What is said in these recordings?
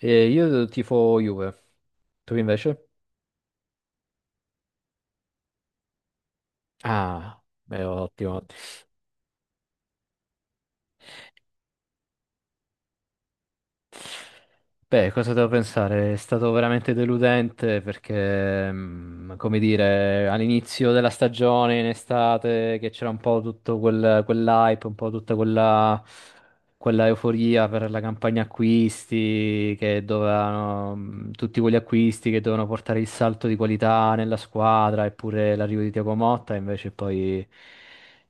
E io tifo Juve, tu invece? Ah, beh, ottimo. Ottimo. Beh, cosa devo pensare? È stato veramente deludente perché, come dire, all'inizio della stagione, in estate, che c'era un po' tutto quell'hype, un po' tutta quella euforia per la campagna acquisti, tutti quegli acquisti che dovevano portare il salto di qualità nella squadra, eppure l'arrivo di Thiago Motta, invece poi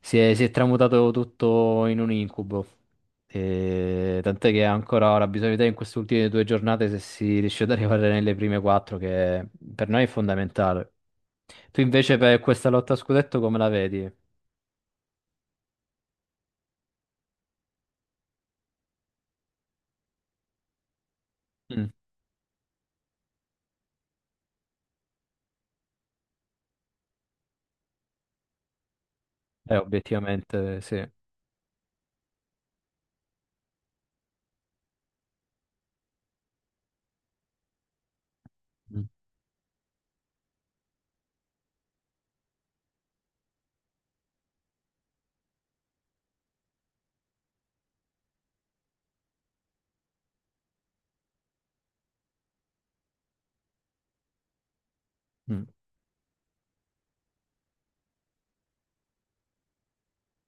si è tramutato tutto in un incubo. E tant'è che ancora ora bisogna vedere in queste ultime due giornate se si riesce ad arrivare nelle prime quattro, che per noi è fondamentale. Tu invece per questa lotta a scudetto come la vedi? Mm. Obiettivamente sì. Mm. Mm.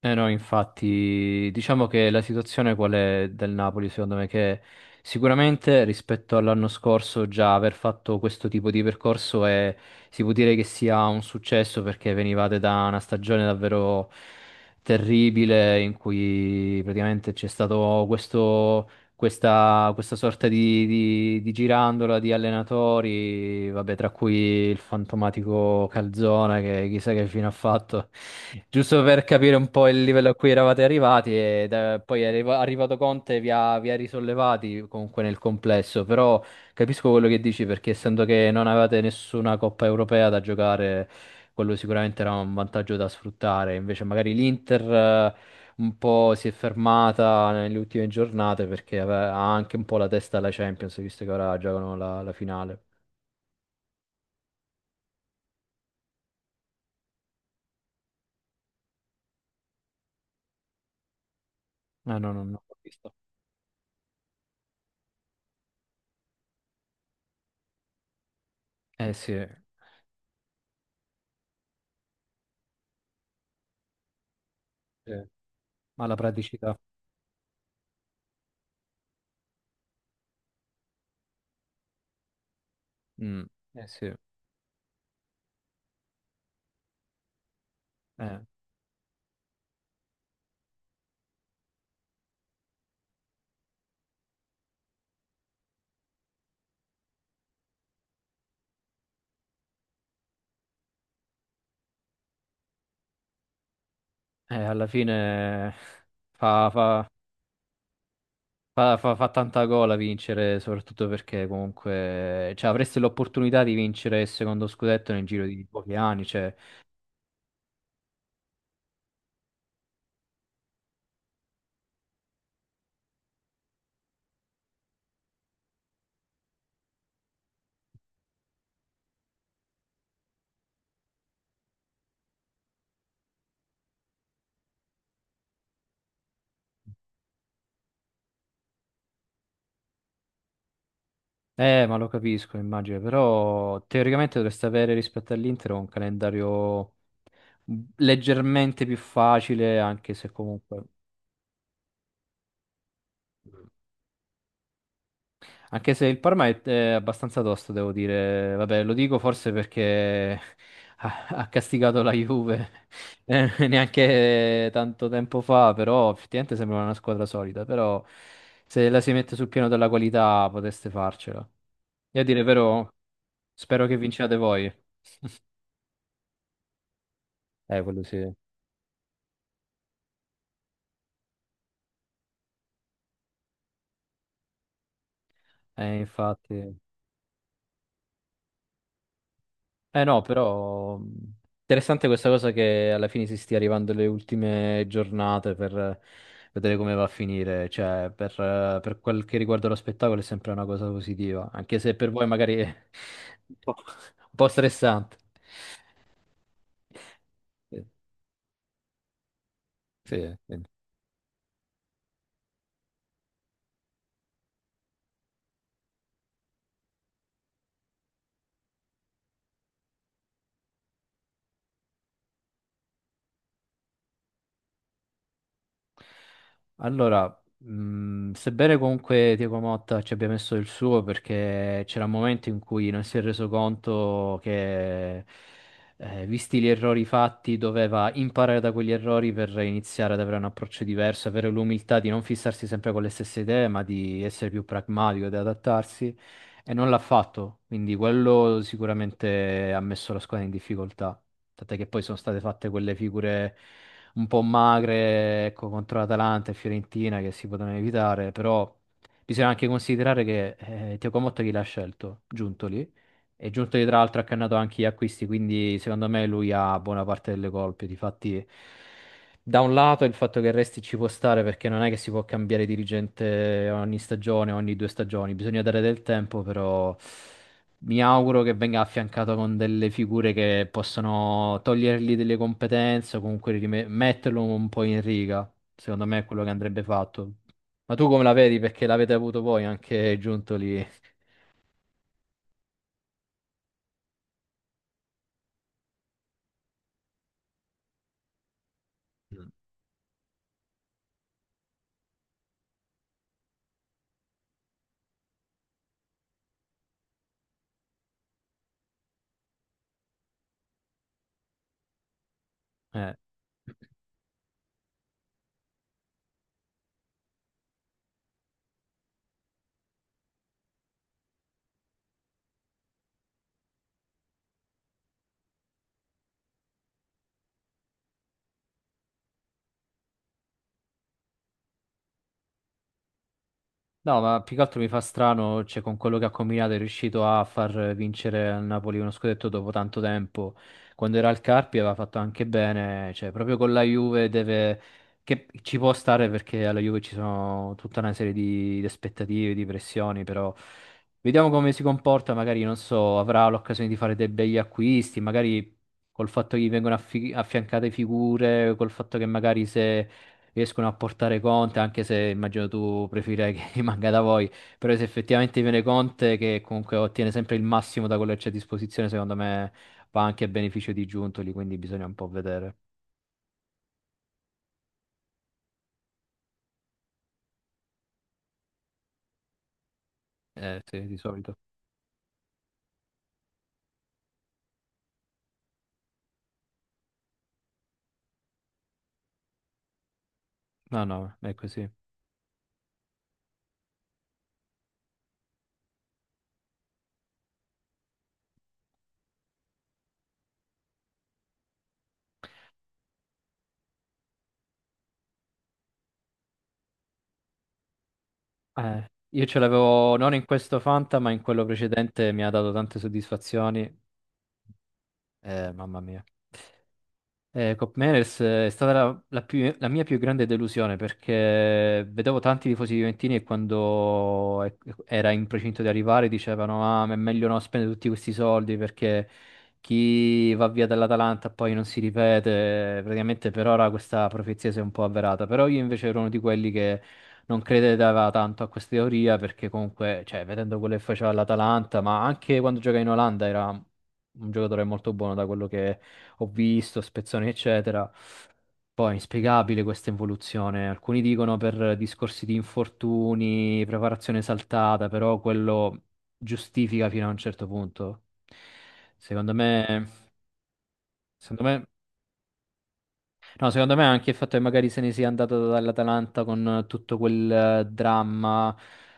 Eh no, infatti, diciamo che la situazione qual è del Napoli, secondo me, che sicuramente rispetto all'anno scorso già aver fatto questo tipo di percorso è, si può dire che sia un successo perché venivate da una stagione davvero terribile in cui praticamente c'è stato questa sorta di, di girandola di allenatori, vabbè, tra cui il fantomatico Calzona, che chissà che fine ha fatto, giusto per capire un po' il livello a cui eravate arrivati, e poi è arrivato Conte e vi ha risollevati comunque nel complesso, però capisco quello che dici perché essendo che non avevate nessuna Coppa Europea da giocare, quello sicuramente era un vantaggio da sfruttare, invece magari l'Inter, un po' si è fermata nelle ultime giornate perché ha anche un po' la testa alla Champions, visto che ora giocano la finale. Ah, no, no, no, l'ho visto. Eh sì, sì. Ma la praticità. Mm, eh sì, eh. Alla fine fa, fa- fa tanta gola vincere, soprattutto perché comunque cioè, avresti l'opportunità di vincere il secondo scudetto nel giro di pochi anni. Cioè. Ma lo capisco, immagino, però teoricamente dovreste avere rispetto all'Inter un calendario leggermente più facile, anche se comunque. Anche se il Parma è abbastanza tosto, devo dire. Vabbè, lo dico forse perché ha castigato la Juve neanche tanto tempo fa, però effettivamente sembrava una squadra solida. Però se la si mette sul piano della qualità poteste farcela. E a dire però, spero che vinciate voi. Quello sì. Infatti. Eh no, però interessante questa cosa che alla fine si stia arrivando alle ultime giornate per vedere come va a finire, cioè per quel che riguarda lo spettacolo è sempre una cosa positiva, anche se per voi magari è un po' stressante. Sì, sì. Allora, sebbene comunque Diego Motta ci abbia messo il suo perché c'era un momento in cui non si è reso conto che, visti gli errori fatti, doveva imparare da quegli errori per iniziare ad avere un approccio diverso, avere l'umiltà di non fissarsi sempre con le stesse idee, ma di essere più pragmatico, di adattarsi, e non l'ha fatto, quindi quello sicuramente ha messo la squadra in difficoltà, tant'è che poi sono state fatte quelle figure un po' magre, ecco, contro l'Atalanta e Fiorentina che si potevano evitare, però bisogna anche considerare che Thiago Motta chi l'ha scelto? Giuntoli. E Giuntoli tra l'altro ha cannato anche gli acquisti, quindi secondo me lui ha buona parte delle colpe. Difatti, da un lato il fatto che resti ci può stare perché non è che si può cambiare dirigente ogni stagione, ogni due stagioni, bisogna dare del tempo, però. Mi auguro che venga affiancato con delle figure che possono togliergli delle competenze o comunque metterlo un po' in riga. Secondo me è quello che andrebbe fatto. Ma tu come la vedi? Perché l'avete avuto voi anche giunto lì. Eh. No, ma più che altro mi fa strano, cioè, con quello che ha combinato è riuscito a far vincere al Napoli uno scudetto dopo tanto tempo. Quando era al Carpi aveva fatto anche bene, cioè, proprio con la Juve deve. Che ci può stare perché alla Juve ci sono tutta una serie di aspettative, di pressioni, però vediamo come si comporta, magari, non so, avrà l'occasione di fare dei begli acquisti, magari col fatto che gli vengono affiancate figure, col fatto che magari se riescono a portare Conte, anche se immagino tu preferirei che rimanga da voi, però se effettivamente viene Conte che comunque ottiene sempre il massimo da quello che c'è a disposizione, secondo me va anche a beneficio di Giuntoli, quindi bisogna un po' vedere. Sì, di solito. No, no, è così. Io ce l'avevo non in questo Fanta, ma in quello precedente mi ha dato tante soddisfazioni. Mamma mia. Cop Meners è stata la mia più grande delusione perché vedevo tanti tifosi juventini e quando era in procinto di arrivare dicevano: Ah, ma è meglio non spendere tutti questi soldi perché chi va via dall'Atalanta poi non si ripete. Praticamente per ora questa profezia si è un po' avverata. Però io invece ero uno di quelli che non credeva tanto a questa teoria perché comunque, cioè, vedendo quello che faceva l'Atalanta, ma anche quando gioca in Olanda era un giocatore molto buono da quello ho visto, spezzoni, eccetera. Poi è inspiegabile questa involuzione. Alcuni dicono per discorsi di infortuni, preparazione saltata, però quello giustifica fino a un certo punto. Secondo me, secondo me. No, secondo me anche il fatto che magari se ne sia andato dall'Atalanta con tutto quel dramma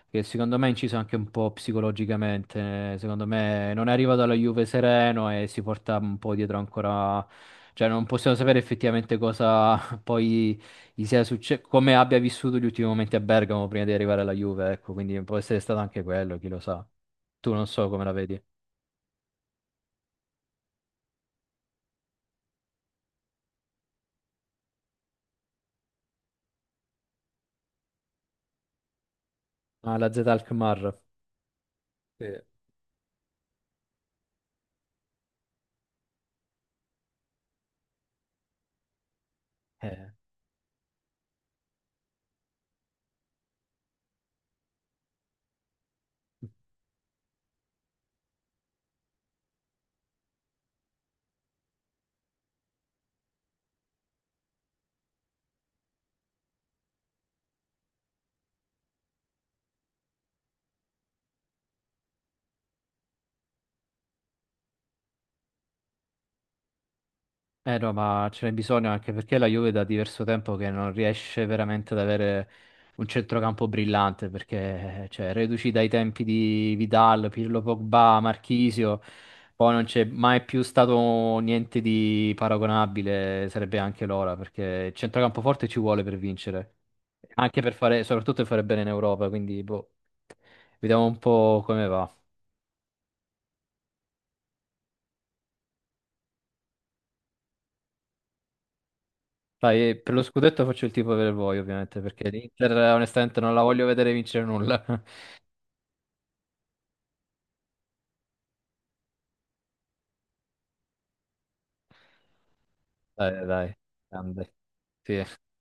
che secondo me ha inciso anche un po' psicologicamente, secondo me non è arrivato alla Juve sereno e si porta un po' dietro ancora, cioè non possiamo sapere effettivamente cosa poi gli sia successo, come abbia vissuto gli ultimi momenti a Bergamo prima di arrivare alla Juve, ecco, quindi può essere stato anche quello, chi lo sa. Tu non so come la vedi. Ah, la Z Alkmaar. Sì. Eh. Eh no, ma ce n'è bisogno anche perché la Juve da diverso tempo che non riesce veramente ad avere un centrocampo brillante, perché cioè, reduci dai tempi di Vidal, Pirlo Pogba, Marchisio, poi non c'è mai più stato niente di paragonabile, sarebbe anche l'ora, perché il centrocampo forte ci vuole per vincere, anche per fare, soprattutto per fare bene in Europa, quindi boh, vediamo un po' come va. Dai, per lo scudetto faccio il tifo per voi, ovviamente, perché l'Inter onestamente non la voglio vedere vincere nulla. Dai, dai, dai, grande. Sì.